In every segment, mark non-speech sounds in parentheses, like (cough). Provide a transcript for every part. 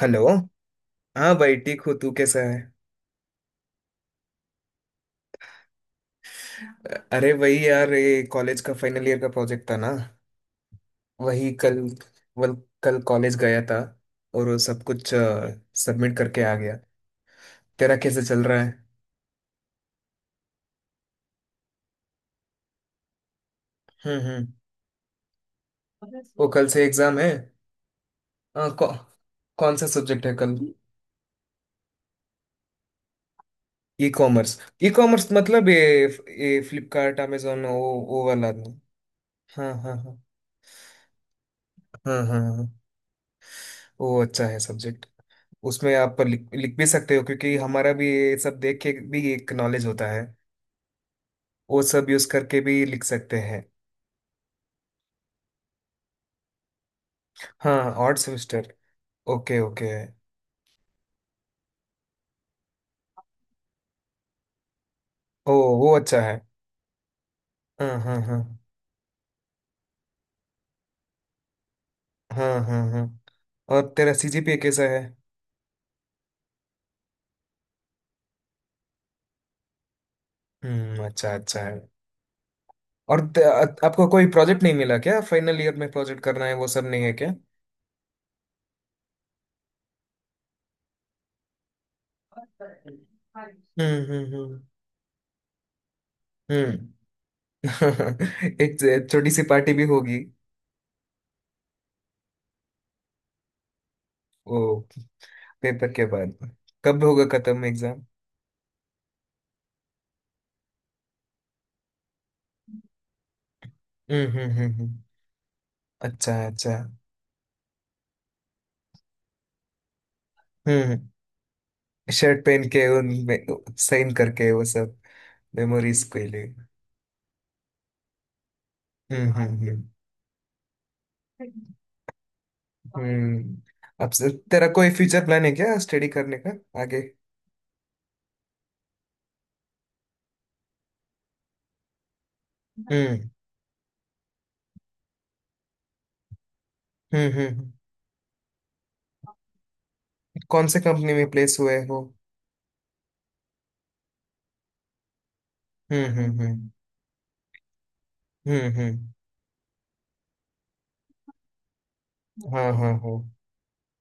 Hello. हाँ भाई, ठीक हूँ। तू कैसा है? अरे वही यार, ये कॉलेज का फाइनल ईयर का प्रोजेक्ट था ना, वही कल वल कल कॉलेज गया था और वो सब कुछ सबमिट करके आ गया। तेरा कैसे चल रहा है? हम्म। वो कल से एग्जाम है। अ, कौ, कौन सा सब्जेक्ट है कल? E commerce. ई कॉमर्स मतलब ये फ्लिपकार्ट अमेजोन वो वाला ना? हाँ हाँ हाँ। हाँ हाँ हाँ। वो अच्छा है सब्जेक्ट। उसमें आप लिख भी सकते हो, क्योंकि हमारा भी ये सब देख के भी एक नॉलेज होता है। वो सब यूज करके भी लिख सकते हैं। हाँ। Odd semester. Okay okay. ओ, वो अच्छा है। हाँ हाँ हाँ। हाँ हाँ हाँ। और तेरा सीजीपीए कैसा है? हम्म, अच्छा अच्छा है। और आपको कोई प्रोजेक्ट नहीं मिला क्या? फाइनल ईयर में प्रोजेक्ट करना है, वो सब नहीं है क्या? हम्म। हम्म। (laughs) एक छोटी सी पार्टी भी होगी। वो पेपर के बाद कब होगा खत्म एग्जाम? हम्म। हम्म। अच्छा अच्छा। हम्म। हम्म। शर्ट पहन के उन साइन करके वो सब। मेमोरीज के लिए। हम्म। हम्म। अब तेरा कोई फ्यूचर प्लान है क्या, स्टडी करने का आगे? हम्म हम्म। हम्म। कौन से कंपनी में प्लेस हुए हो? हम्म हम्म हम्म हम्म। हम्म। हाँ हाँ हो।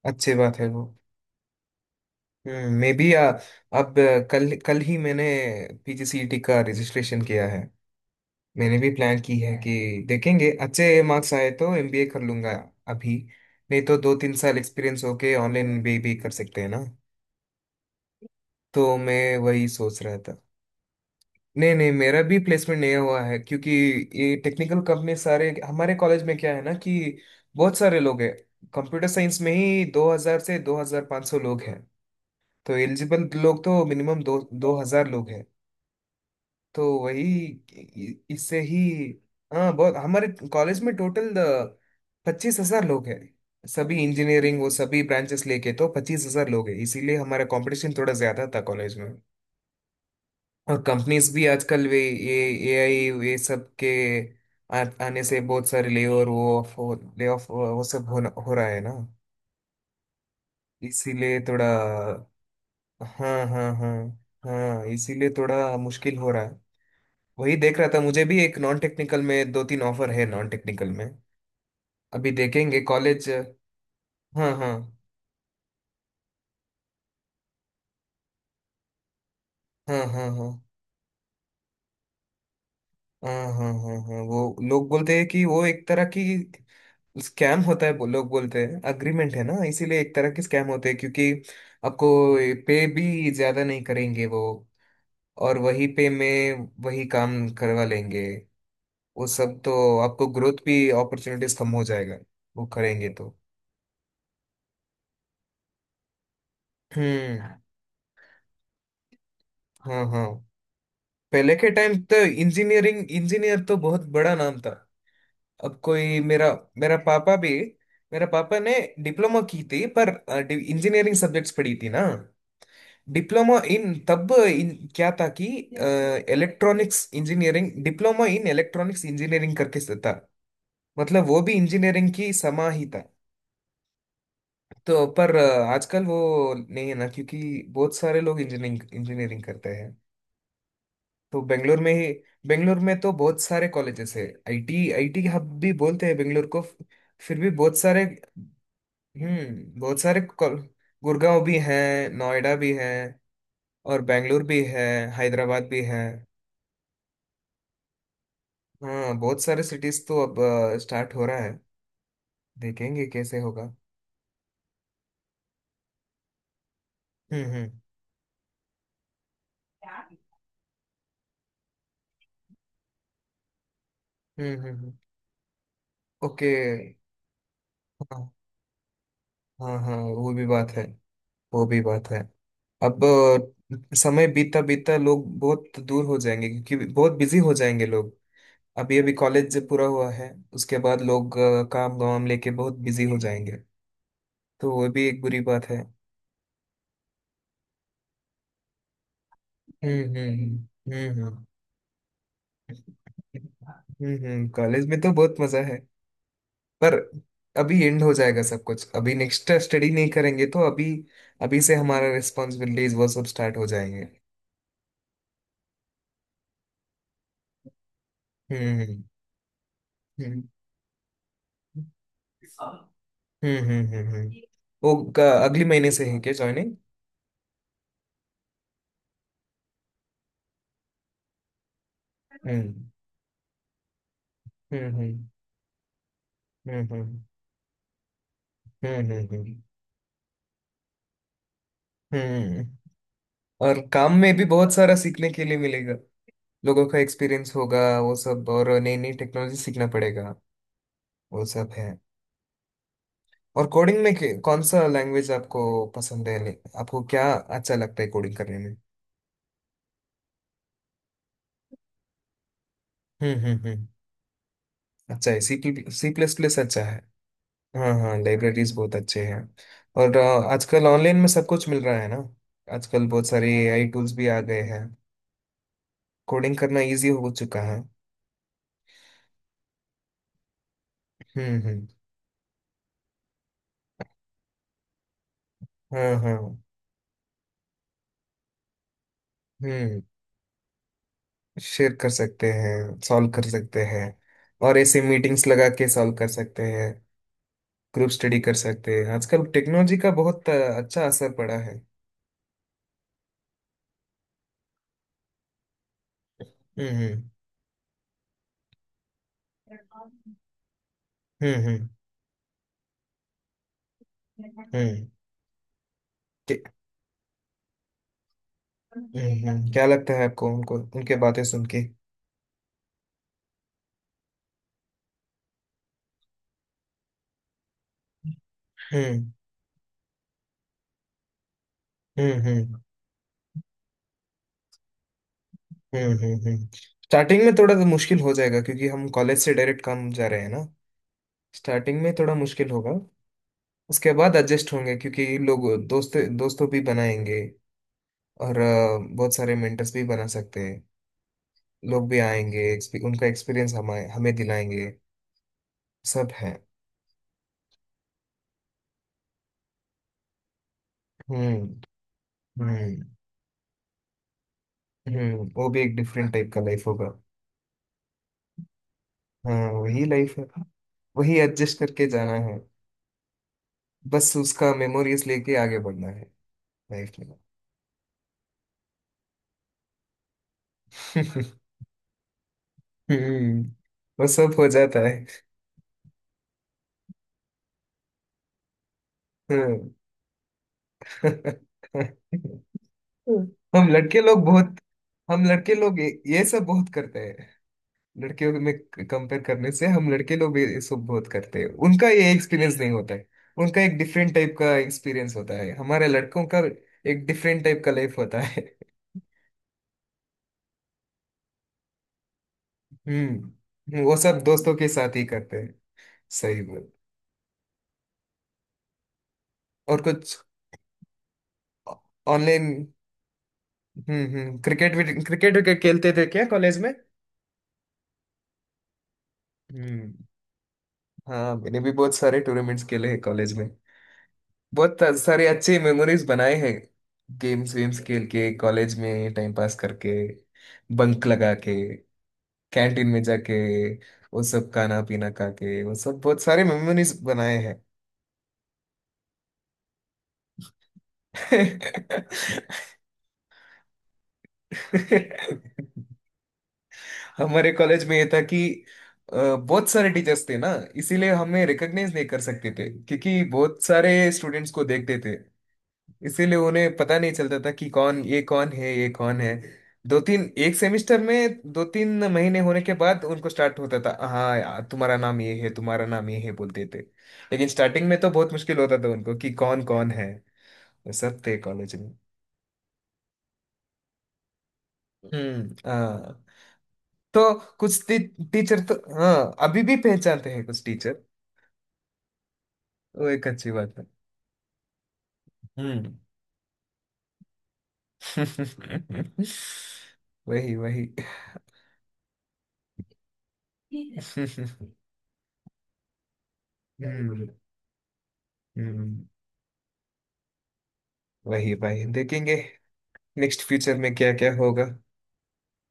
अच्छी बात है वो। हम्म। मे बी अब कल, कल ही मैंने पीजीसीईटी का रजिस्ट्रेशन किया है। मैंने भी प्लान की है कि देखेंगे, अच्छे मार्क्स आए तो एमबीए कर लूंगा अभी। नहीं तो दो तीन साल एक्सपीरियंस होके ऑनलाइन एमबीए भी कर सकते हैं ना, तो मैं वही सोच रहा था। नहीं नहीं, मेरा भी प्लेसमेंट नहीं हुआ है, क्योंकि ये टेक्निकल कंपनी सारे हमारे कॉलेज में क्या है ना कि बहुत सारे लोग हैं। कंप्यूटर साइंस में ही 2000 से 2500 लोग हैं। तो एलिजिबल लोग तो मिनिमम दो 2000 लोग हैं। तो वही इससे ही। हाँ, बहुत। हमारे कॉलेज में टोटल 25,000 लोग हैं। सभी इंजीनियरिंग, वो सभी ब्रांचेस लेके तो 25,000 लोग हैं, इसीलिए हमारा कंपटीशन थोड़ा ज्यादा था कॉलेज में। और कंपनीज भी आजकल वे ये एआई ये सब के आने से बहुत सारे ले और वो ऑफ, ले ऑफ वो सब हो रहा है ना, इसीलिए थोड़ा। हाँ हाँ हाँ। हाँ, इसीलिए थोड़ा मुश्किल हो रहा है। वही देख रहा था, मुझे भी एक नॉन टेक्निकल में दो तीन ऑफर है नॉन टेक्निकल में। अभी देखेंगे कॉलेज। हाँ हाँ हाँ हाँ हाँ। हाँ हाँ हाँ हाँ, वो लोग बोलते हैं कि वो एक तरह की स्कैम होता है। वो लोग बोलते हैं अग्रीमेंट है ना, इसीलिए एक तरह की स्कैम होते हैं, क्योंकि आपको पे भी ज्यादा नहीं करेंगे वो, और वही पे में वही काम करवा लेंगे। वो सब तो आपको ग्रोथ भी, अपॉर्चुनिटीज कम हो जाएगा वो करेंगे तो। हम्म। हाँ हाँ। पहले के टाइम तो इंजीनियरिंग, इंजीनियर तो बहुत बड़ा नाम था। अब कोई मेरा, मेरा पापा भी, मेरा पापा ने डिप्लोमा की थी, पर इंजीनियरिंग सब्जेक्ट्स पढ़ी थी ना। डिप्लोमा इन, तब इन क्या था कि electronics engineering, diploma in electronics engineering करके से था। मतलब वो भी इंजीनियरिंग की समा ही था। तो पर आजकल वो नहीं है ना, क्योंकि बहुत सारे लोग इंजीनियरिंग इंजीनियरिंग करते हैं। तो बेंगलोर में ही, बेंगलोर में तो बहुत सारे कॉलेजेस है। आईटी, आईटी हब भी बोलते हैं बेंगलोर को। फिर भी बहुत सारे। हम्म, बहुत सारे गुड़गांव भी है, नोएडा भी है, और बेंगलोर भी है, हैदराबाद भी है। हाँ बहुत सारे सिटीज तो अब स्टार्ट हो रहा है। देखेंगे कैसे होगा। हम्म हम्म हम्म। हम्म। ओके। हाँ हाँ हाँ, वो भी बात है, वो भी बात है। अब समय बीतता बीतता लोग बहुत दूर हो जाएंगे, क्योंकि बहुत बिजी हो जाएंगे लोग। अभी अभी कॉलेज जब पूरा हुआ है, उसके बाद लोग काम वाम लेके बहुत बिजी हो जाएंगे, तो वो भी एक बुरी बात है। हम्म हम्म हम्म हम्म हम्म। हम्म, कॉलेज में तो बहुत मजा है, पर अभी एंड हो जाएगा सब कुछ। अभी नेक्स्ट स्टडी नहीं करेंगे तो अभी, अभी से हमारा रिस्पॉन्सिबिलिटीज वो सब स्टार्ट हो जाएंगे। हम्म हम्म हम्म। वो अगले महीने से है क्या ज्वाइनिंग? हम्म हम्म हम्म हम्म हम्म हम्म हम्म हम्म हम्म, हम्म। और काम में भी बहुत सारा सीखने के लिए मिलेगा। लोगों का एक्सपीरियंस होगा वो सब, और नई नई टेक्नोलॉजी सीखना पड़ेगा, वो सब है। और कोडिंग में कौन सा लैंग्वेज आपको पसंद है? नहीं, आपको क्या अच्छा लगता है कोडिंग करने में? हम्म। अच्छा है सी, सी प्लस प्लस अच्छा है। हाँ हाँ, लाइब्रेरीज बहुत अच्छे हैं। और आजकल ऑनलाइन में सब कुछ मिल रहा है ना। आजकल बहुत सारे एआई टूल्स भी आ गए हैं, कोडिंग करना इजी हो चुका है। हम्म। हाँ हाँ। हम्म। शेयर कर सकते हैं, सॉल्व कर सकते हैं। और ऐसे मीटिंग्स लगा के सॉल्व कर सकते हैं, ग्रुप स्टडी कर सकते हैं। आजकल टेक्नोलॉजी का बहुत अच्छा असर पड़ा है। हम्म हम्म हम्म हम्म हम्म के- क्या लगता है आपको उनको, उनके बातें सुन के? हम्म हम्म हम्म हम्म। स्टार्टिंग में थोड़ा सा मुश्किल हो जाएगा, क्योंकि हम कॉलेज से डायरेक्ट काम जा रहे हैं ना। स्टार्टिंग में थोड़ा मुश्किल होगा। उसके बाद एडजस्ट होंगे, क्योंकि लोग दोस्त दोस्तों भी बनाएंगे। और बहुत सारे मेंटर्स भी बना सकते हैं। लोग भी आएंगे, उनका एक्सपीरियंस हमें हमें दिलाएंगे, सब है। हम्म हम्म हम्म। वो भी एक डिफरेंट टाइप का लाइफ होगा। हाँ वही लाइफ है, वही एडजस्ट करके जाना है। बस उसका मेमोरीज लेके आगे बढ़ना है लाइफ में। (laughs) हम्म, वो सब हो जाता है। हम्म। (laughs) हम लड़के लोग बहुत, हम लड़के लोग ये सब बहुत करते। लड़कियों में कंपेयर करने से हम लड़के लोग भी इसको बहुत करते हैं। उनका ये एक्सपीरियंस नहीं होता है, उनका एक डिफरेंट टाइप का एक्सपीरियंस होता है। हमारे लड़कों का एक डिफरेंट टाइप का लाइफ होता है। (laughs) हम्म, वो सब दोस्तों के साथ ही करते हैं। सही बोल। और कुछ ऑनलाइन। हम्म, क्रिकेट भी, क्रिकेट भी खेलते थे क्या कॉलेज में? हम्म। हाँ, मैंने भी बहुत सारे टूर्नामेंट्स खेले हैं कॉलेज में, बहुत सारे अच्छे मेमोरीज बनाए हैं। गेम्स वेम्स खेल के कॉलेज में टाइम पास करके, बंक लगा के, कैंटीन में जाके वो सब खाना पीना खा के, वो सब बहुत सारे मेमोरीज बनाए हैं। (laughs) हमारे कॉलेज में ये था कि बहुत सारे टीचर्स थे ना, इसीलिए हमें रिकॉग्नाइज नहीं कर सकते थे, क्योंकि बहुत सारे स्टूडेंट्स को देखते थे। इसीलिए उन्हें पता नहीं चलता था कि कौन, ये कौन है, ये कौन है। दो तीन, एक सेमेस्टर में दो तीन महीने होने के बाद उनको स्टार्ट होता था, हाँ यार तुम्हारा नाम ये है, तुम्हारा नाम ये है बोलते थे। लेकिन स्टार्टिंग में तो बहुत मुश्किल होता था उनको कि कौन कौन है, वो सब थे कॉलेज में। हम्म। हाँ, तो कुछ टी, टीचर तो, हाँ अभी भी पहचानते हैं कुछ टीचर, वो एक अच्छी बात है। हम्म। (laughs) वही वही। (laughs) हम्म हम्म। वही भाई देखेंगे, नेक्स्ट फ्यूचर में क्या क्या होगा।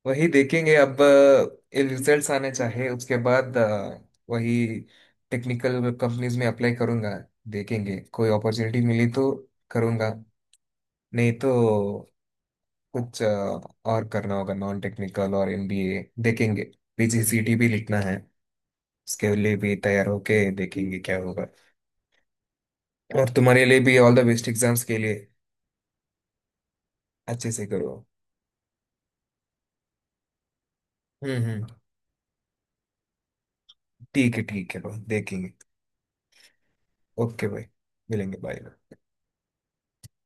वही देखेंगे। अब ये रिजल्ट्स आने चाहिए, उसके बाद वही टेक्निकल कंपनीज में अप्लाई करूंगा। देखेंगे कोई अपॉर्चुनिटी मिली तो करूंगा, नहीं तो कुछ और करना होगा, नॉन टेक्निकल और एमबीए देखेंगे। पीजीसीटी भी लिखना है, उसके लिए भी तैयार होके देखेंगे क्या होगा। और तुम्हारे लिए भी ऑल द बेस्ट एग्जाम्स के लिए, अच्छे से करो। हम्म। ठीक है भाई, देखेंगे। ओके भाई, मिलेंगे, बाय।